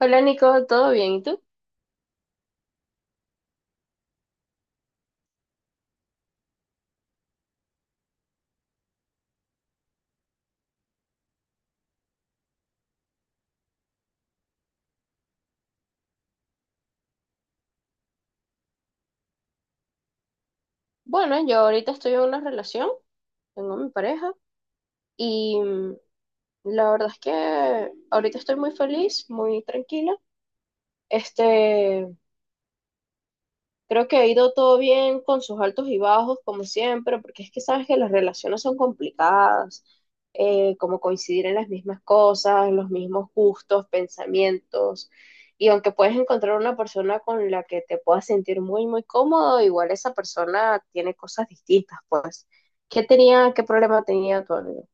Hola Nico, ¿todo bien? ¿Y tú? Bueno, yo ahorita estoy en una relación, tengo mi pareja y la verdad es que ahorita estoy muy feliz, muy tranquila. Este, Creo que ha ido todo bien con sus altos y bajos, como siempre, porque es que sabes que las relaciones son complicadas, como coincidir en las mismas cosas, los mismos gustos, pensamientos. Y aunque puedes encontrar una persona con la que te puedas sentir muy, muy cómodo, igual esa persona tiene cosas distintas, pues. ¿Qué tenía, qué problema tenía tu amigo?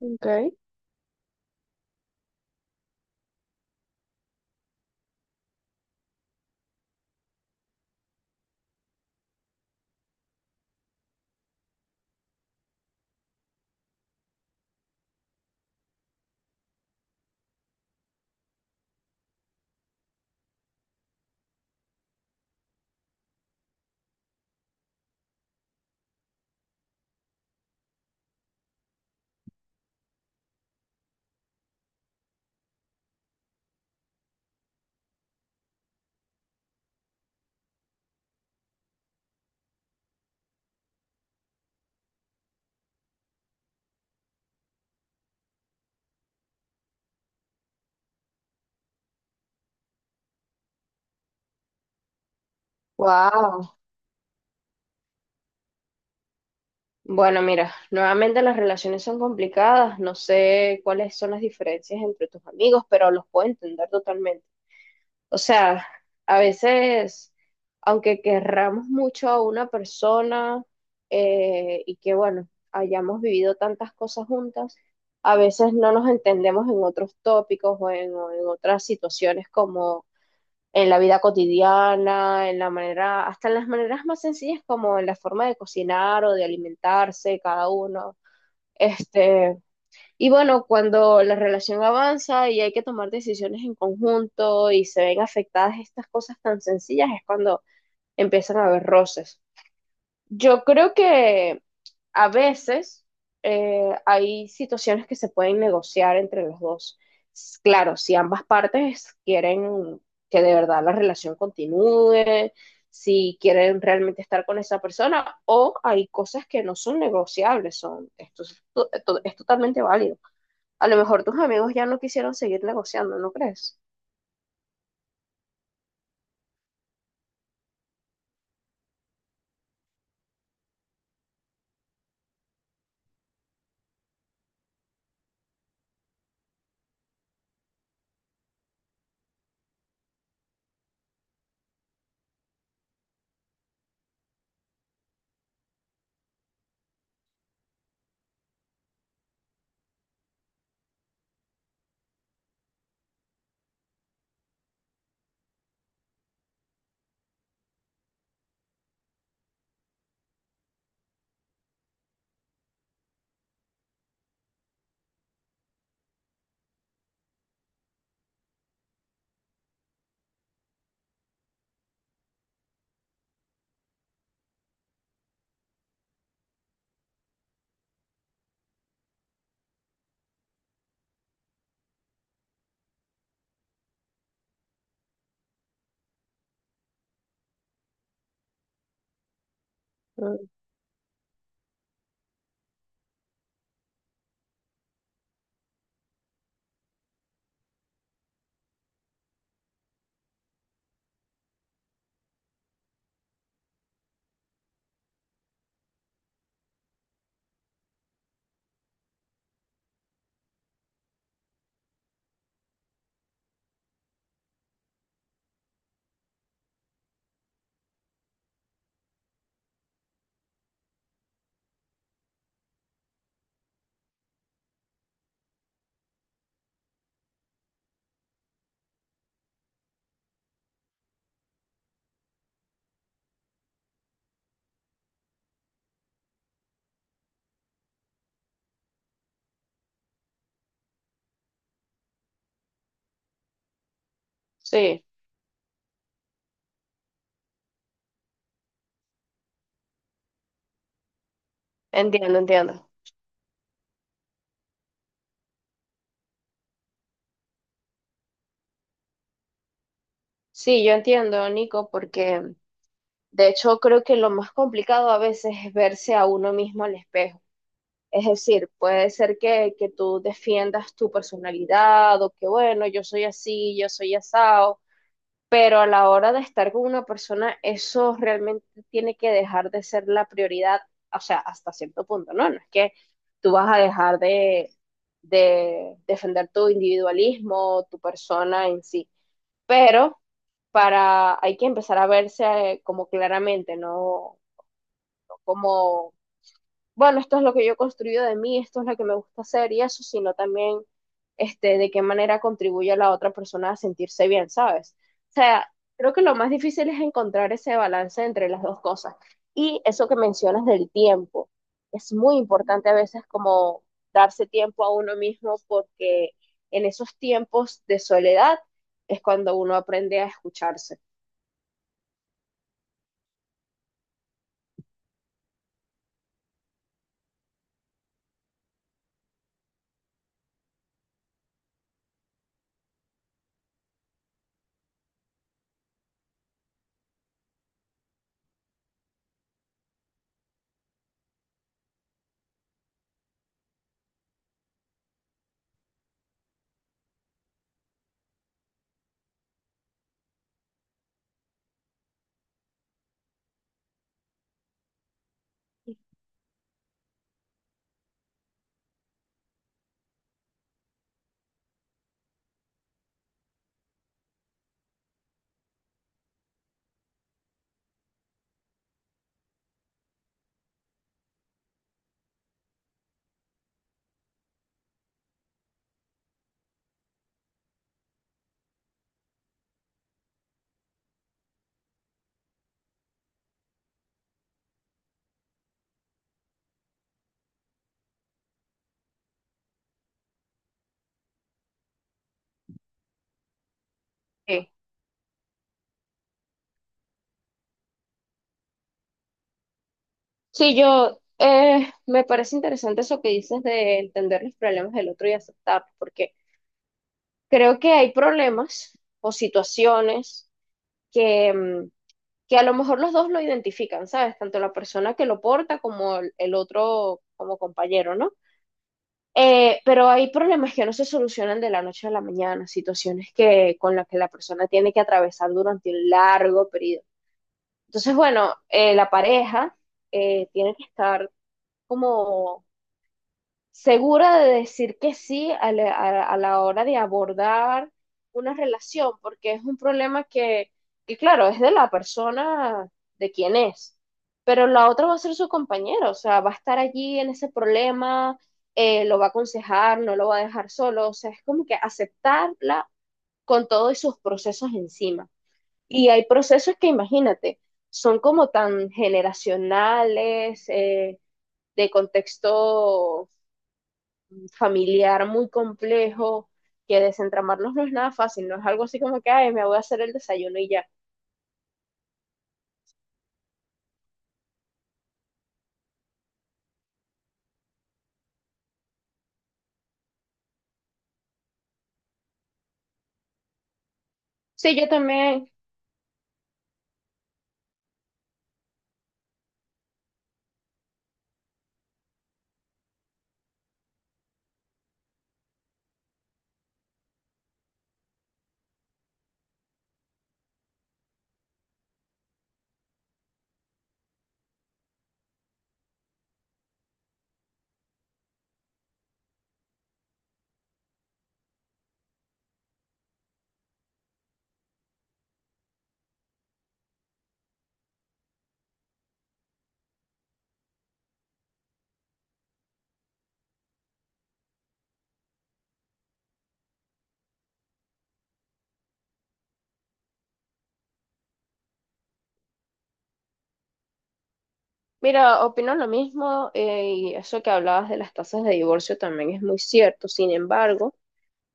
Ok. Wow. Bueno, mira, nuevamente las relaciones son complicadas, no sé cuáles son las diferencias entre tus amigos, pero los puedo entender totalmente. O sea, a veces, aunque querramos mucho a una persona y que, bueno, hayamos vivido tantas cosas juntas, a veces no nos entendemos en otros tópicos o en otras situaciones en la vida cotidiana, en la manera, hasta en las maneras más sencillas como en la forma de cocinar o de alimentarse cada uno. Este, y bueno, cuando la relación avanza y hay que tomar decisiones en conjunto y se ven afectadas estas cosas tan sencillas, es cuando empiezan a haber roces. Yo creo que a veces hay situaciones que se pueden negociar entre los dos. Claro, si ambas partes quieren que de verdad la relación continúe, si quieren realmente estar con esa persona, o hay cosas que no son negociables, son, esto es, es totalmente válido. A lo mejor tus amigos ya no quisieron seguir negociando, ¿no crees? Mm, Sí, entiendo, entiendo. Sí, yo entiendo, Nico, porque de hecho, creo que lo más complicado a veces es verse a uno mismo al espejo. Es decir, puede ser que tú defiendas tu personalidad o que, bueno, yo soy así, yo soy asado, pero a la hora de estar con una persona, eso realmente tiene que dejar de ser la prioridad, o sea, hasta cierto punto, ¿no? No es que tú vas a dejar de defender tu individualismo, tu persona en sí, pero para, hay que empezar a verse como claramente, ¿no? Como, bueno, esto es lo que yo he construido de mí, esto es lo que me gusta hacer y eso, sino también de qué manera contribuye a la otra persona a sentirse bien, ¿sabes? O sea, creo que lo más difícil es encontrar ese balance entre las dos cosas. Y eso que mencionas del tiempo, es muy importante a veces como darse tiempo a uno mismo porque en esos tiempos de soledad es cuando uno aprende a escucharse. Sí, sí, yo me parece interesante eso que dices de entender los problemas del otro y aceptarlos, porque creo que hay problemas o situaciones que, que a lo mejor los dos lo identifican, ¿sabes? Tanto la persona que lo porta como el otro como compañero, ¿no? Pero hay problemas que no se solucionan de la noche a la mañana, situaciones que con las que la persona tiene que atravesar durante un largo periodo. Entonces, bueno, la pareja tiene que estar como segura de decir que sí a a la hora de abordar una relación, porque es un problema que, claro, es de la persona, de quién es, pero la otra va a ser su compañero, o sea, va a estar allí en ese problema, lo va a aconsejar, no lo va a dejar solo, o sea, es como que aceptarla con todos sus procesos encima. Y hay procesos que, imagínate, son como tan generacionales, de contexto familiar muy complejo, que desentramarnos no es nada fácil, no es algo así como que, ay, me voy a hacer el desayuno y ya. Sí, yo también, mira, opino lo mismo y eso que hablabas de las tasas de divorcio también es muy cierto, sin embargo.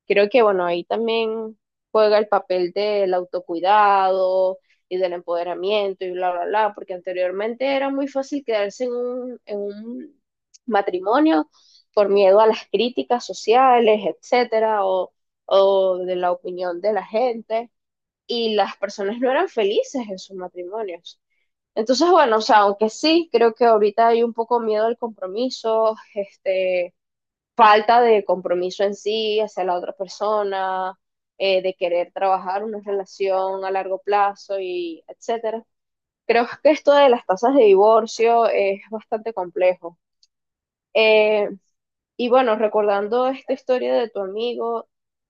Creo que, bueno, ahí también juega el papel del autocuidado y del empoderamiento y bla, bla, bla, porque anteriormente era muy fácil quedarse en en un matrimonio por miedo a las críticas sociales, etcétera, o de la opinión de la gente, y las personas no eran felices en sus matrimonios. Entonces, bueno, o sea, aunque sí, creo que ahorita hay un poco miedo al compromiso, falta de compromiso en sí hacia la otra persona, de querer trabajar una relación a largo plazo y etcétera. Creo que esto de las tasas de divorcio es bastante complejo. Eh, y bueno, recordando esta historia de tu amigo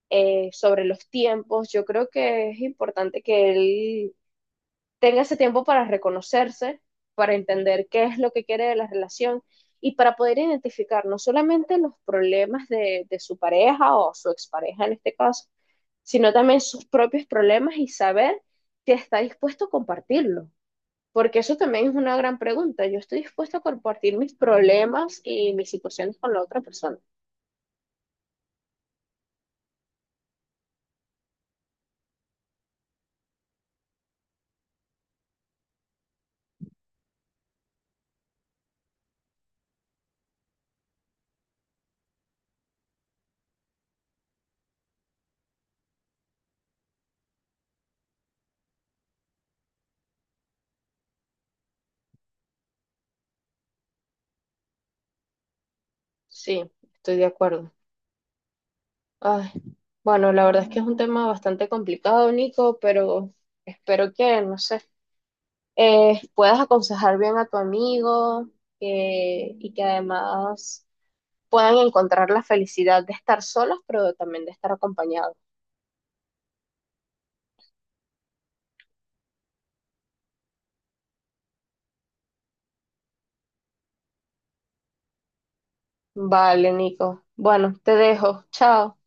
sobre los tiempos, yo creo que es importante que él tenga ese tiempo para reconocerse, para entender qué es lo que quiere de la relación y para poder identificar no solamente los problemas de su pareja o su expareja en este caso, sino también sus propios problemas y saber si está dispuesto a compartirlo. Porque eso también es una gran pregunta. Yo estoy dispuesto a compartir mis problemas y mis situaciones con la otra persona. Sí, estoy de acuerdo. Ay, bueno, la verdad es que es un tema bastante complicado, Nico, pero espero que, no sé, puedas aconsejar bien a tu amigo y que además puedan encontrar la felicidad de estar solos, pero también de estar acompañados. Vale, Nico. Bueno, te dejo. Chao.